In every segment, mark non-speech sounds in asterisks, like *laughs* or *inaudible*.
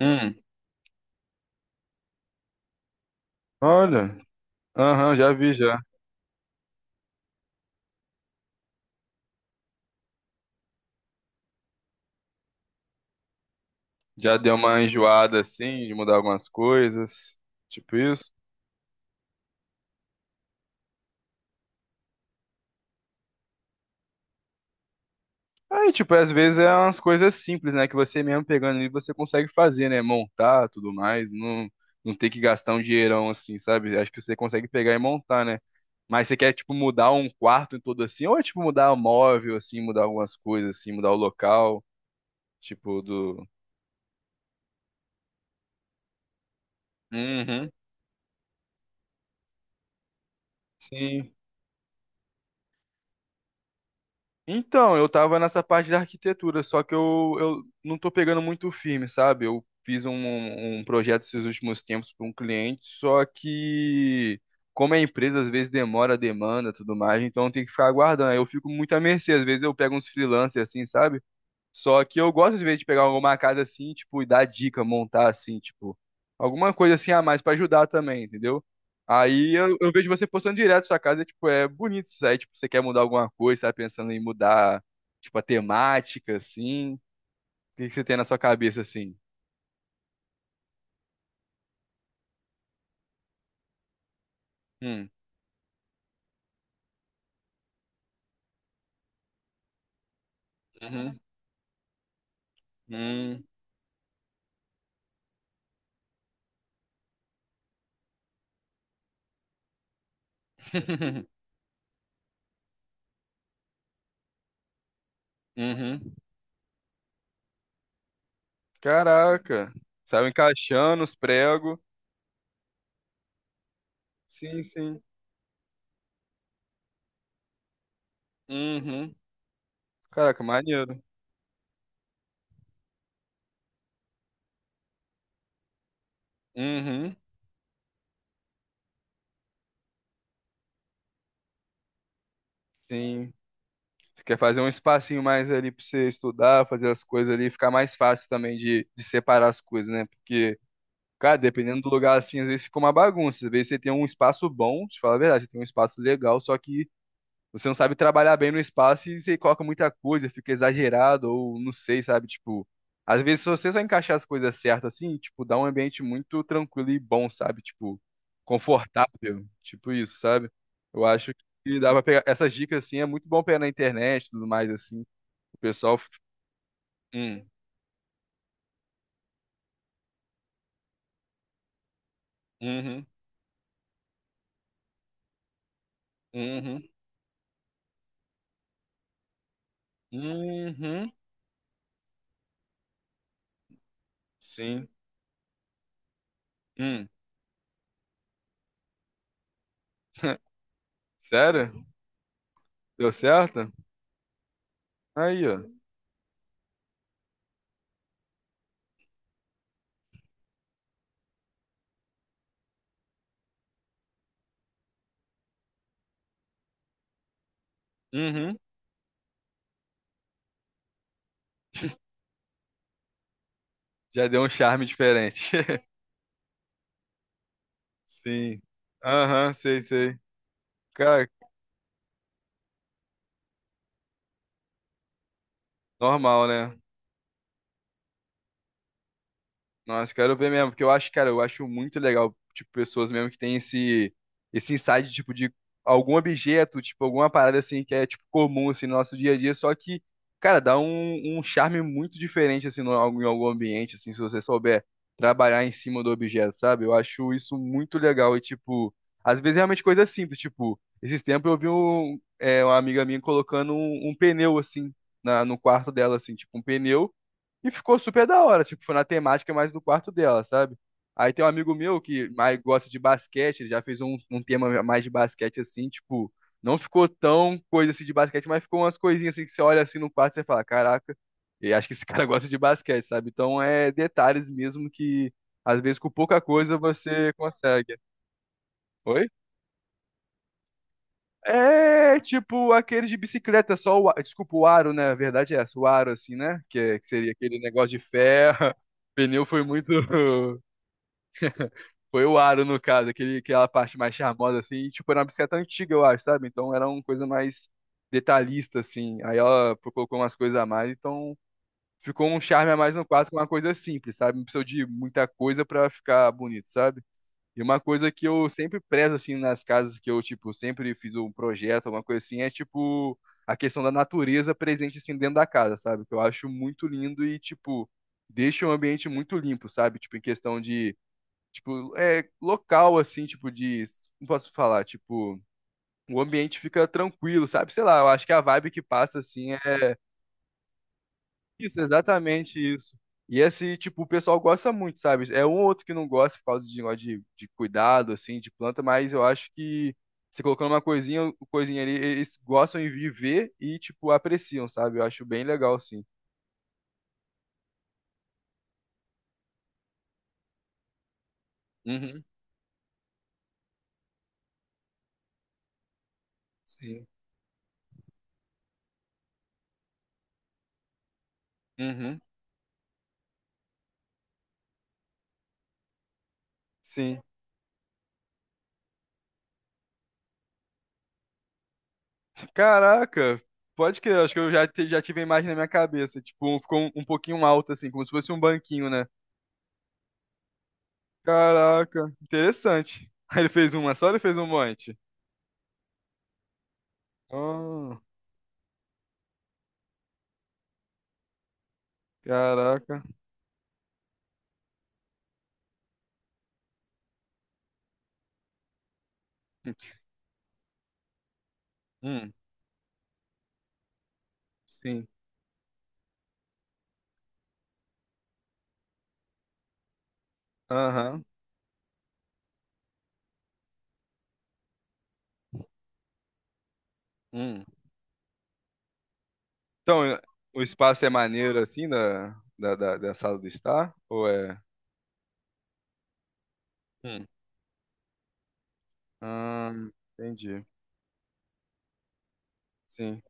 Hum, olha. Aham, já vi já. Já deu uma enjoada assim, de mudar algumas coisas. Tipo isso. Aí, tipo, às vezes é umas coisas simples, né? Que você mesmo pegando ali, você consegue fazer, né? Montar, tudo mais. Não, não ter que gastar um dinheirão assim, sabe? Acho que você consegue pegar e montar, né? Mas você quer, tipo, mudar um quarto todo assim? Ou é, tipo, mudar o móvel, assim, mudar algumas coisas, assim, mudar o local, tipo, do... Uhum. Sim. Então, eu tava nessa parte da arquitetura, só que eu não tô pegando muito firme, sabe? Eu fiz um, um projeto esses últimos tempos para um cliente, só que como é empresa, às vezes demora a demanda, e tudo mais, então tem que ficar aguardando. Aí eu fico muito à mercê, às vezes eu pego uns freelancers assim, sabe? Só que eu gosto, às vezes, de pegar alguma casa assim, tipo, e dar dica, montar assim, tipo, alguma coisa assim a mais pra ajudar também, entendeu? Aí eu vejo você postando direto sua casa, e, tipo, é bonito isso aí, tipo, você quer mudar alguma coisa, tá pensando em mudar, tipo, a temática, assim. O que você tem na sua cabeça, assim? Hum. Uhum. Hum. *laughs* Uhum. Caraca, saiu encaixando os pregos. Sim, sim. Uhum. Caraca, maneiro. Uhum. Sim, você quer fazer um espacinho mais ali pra você estudar, fazer as coisas ali, ficar mais fácil também de separar as coisas, né? Porque, cara, dependendo do lugar assim, às vezes fica uma bagunça. Às vezes você tem um espaço bom, te falar a verdade, você tem um espaço legal, só que você não sabe trabalhar bem no espaço e você coloca muita coisa, fica exagerado, ou não sei, sabe? Tipo, às vezes, se você só encaixar as coisas certas assim, tipo, dá um ambiente muito tranquilo e bom, sabe? Tipo, confortável, tipo isso, sabe? Eu acho que dá pra pegar essas dicas assim, é muito bom pegar na internet e tudo mais, assim. O pessoal. Hum. Uhum. Uhum. Uhum. Sim. Hum. *laughs* Sério? Deu certo? Aí, ó. Uhum. Já deu um charme diferente. *laughs* Sim. Aham, sei, sei. Cara, normal, né? Nossa, quero ver mesmo, porque eu acho, cara, eu acho muito legal, tipo, pessoas mesmo que têm esse, esse insight, tipo, de algum objeto, tipo, alguma parada, assim, que é, tipo, comum, assim, no nosso dia a dia, só que, cara, dá um, um charme muito diferente, assim, no, em algum ambiente, assim, se você souber trabalhar em cima do objeto, sabe? Eu acho isso muito legal e, tipo, às vezes é realmente coisa simples, tipo, esses tempos eu vi um, é, uma amiga minha colocando um, um pneu, assim, na, no quarto dela, assim, tipo, um pneu, e ficou super da hora, tipo, foi na temática mais do quarto dela, sabe? Aí tem um amigo meu que mais gosta de basquete, ele já fez um, um tema mais de basquete assim, tipo, não ficou tão coisa assim de basquete, mas ficou umas coisinhas assim que você olha assim no quarto e você fala, caraca, eu acho que esse cara *laughs* gosta de basquete, sabe? Então é detalhes mesmo que às vezes com pouca coisa você consegue. Oi? É tipo aqueles de bicicleta, só desculpa, o aro, né? A verdade é essa, o aro, assim, né? Que, que seria aquele negócio de ferro. *laughs* Pneu foi muito. *laughs* Foi o aro, no caso, aquele, aquela parte mais charmosa, assim. E, tipo, era uma bicicleta antiga, eu acho, sabe? Então era uma coisa mais detalhista, assim. Aí ela colocou umas coisas a mais, então ficou um charme a mais no quadro com uma coisa simples, sabe? Não precisou de muita coisa pra ficar bonito, sabe? E uma coisa que eu sempre prezo, assim, nas casas que eu, tipo, sempre fiz um projeto, uma coisa assim, é, tipo, a questão da natureza presente, assim, dentro da casa, sabe? Que eu acho muito lindo e, tipo, deixa o ambiente muito limpo, sabe? Tipo, em questão de, tipo, é, local, assim, tipo, de, não posso falar, tipo, o ambiente fica tranquilo, sabe? Sei lá, eu acho que a vibe que passa, assim, isso, exatamente isso. E esse, tipo, o pessoal gosta muito, sabe? É um ou outro que não gosta por causa de negócio de cuidado, assim, de planta, mas eu acho que você colocando uma coisinha, coisinha ali, eles gostam de viver e, tipo, apreciam, sabe? Eu acho bem legal, assim. Uhum. Sim. Uhum. Sim. Caraca, pode crer, acho que eu já, já tive a imagem na minha cabeça. Tipo, um, ficou um, um pouquinho alto, assim, como se fosse um banquinho, né? Caraca, interessante. *laughs* Aí ele fez uma só, ou ele fez um monte. Oh, caraca. Hum. Sim. Aham. Hum. Então, eh, o espaço é maneiro assim da da sala do estar? Ou é. Hum. Ah, entendi. Sim.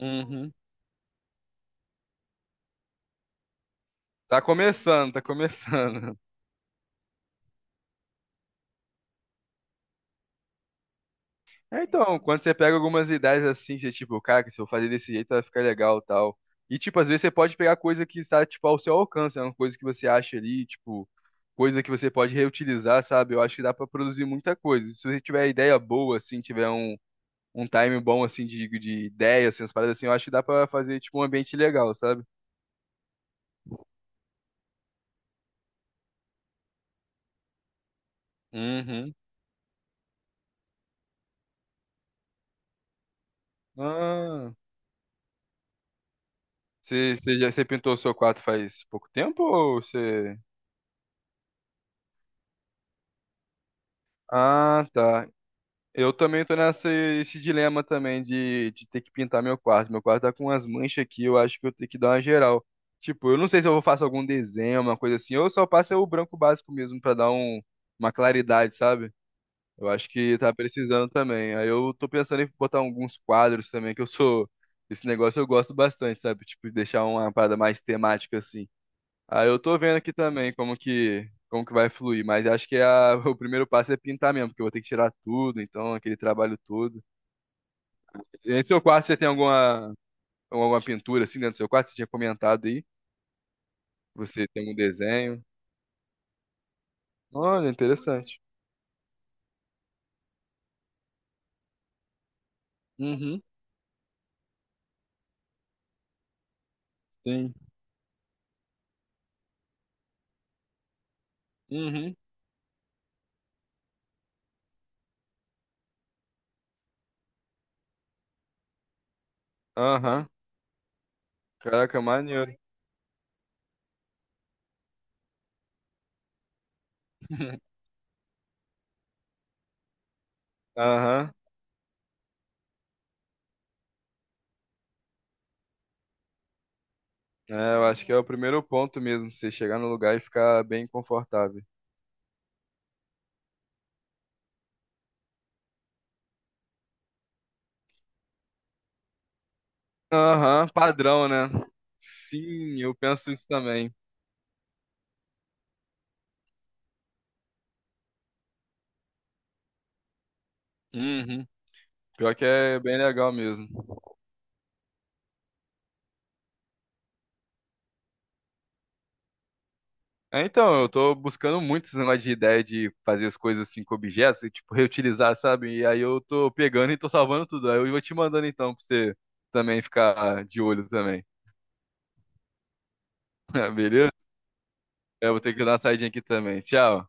Uhum. Tá começando, tá começando. *laughs* É, então, quando você pega algumas ideias assim, você tipo, cara, se eu fazer desse jeito vai ficar legal e tal. E, tipo, às vezes você pode pegar coisa que está, tipo, ao seu alcance, é uma coisa que você acha ali, tipo, coisa que você pode reutilizar, sabe? Eu acho que dá pra produzir muita coisa. Se você tiver ideia boa, assim, tiver um um time bom, assim, de ideia, assim, as paradas assim, eu acho que dá pra fazer, tipo, um ambiente legal, sabe? Uhum. Ah, você pintou o seu quarto faz pouco tempo ou você... Ah, tá. Eu também tô nessa esse dilema também de ter que pintar meu quarto. Meu quarto tá com umas manchas aqui, eu acho que eu tenho que dar uma geral. Tipo, eu não sei se eu vou fazer algum desenho, uma coisa assim, ou eu só passo o branco básico mesmo pra dar um, uma claridade, sabe? Eu acho que tá precisando também. Aí eu tô pensando em botar alguns quadros também, que eu sou. Esse negócio eu gosto bastante, sabe? Tipo, deixar uma parada mais temática assim. Aí eu tô vendo aqui também como que vai fluir, mas acho que é *laughs* o primeiro passo é pintar mesmo, porque eu vou ter que tirar tudo, então, aquele trabalho todo. E em seu quarto você tem alguma, alguma pintura assim dentro do seu quarto? Você tinha comentado aí? Você tem algum desenho? Olha, interessante. Uhum, sim. Uhum, aham. Caraca, maneiro. *laughs* Aham. É, eu acho que é o primeiro ponto mesmo, você chegar no lugar e ficar bem confortável. Aham, padrão, né? Sim, eu penso isso também. Uhum. Pior que é bem legal mesmo. É, então, eu tô buscando muito esse negócio de ideia de fazer as coisas assim com objetos e, tipo, reutilizar, sabe? E aí eu tô pegando e tô salvando tudo. Aí eu vou te mandando então pra você também ficar de olho também. *laughs* Beleza? Eu vou ter que dar uma saidinha aqui também. Tchau.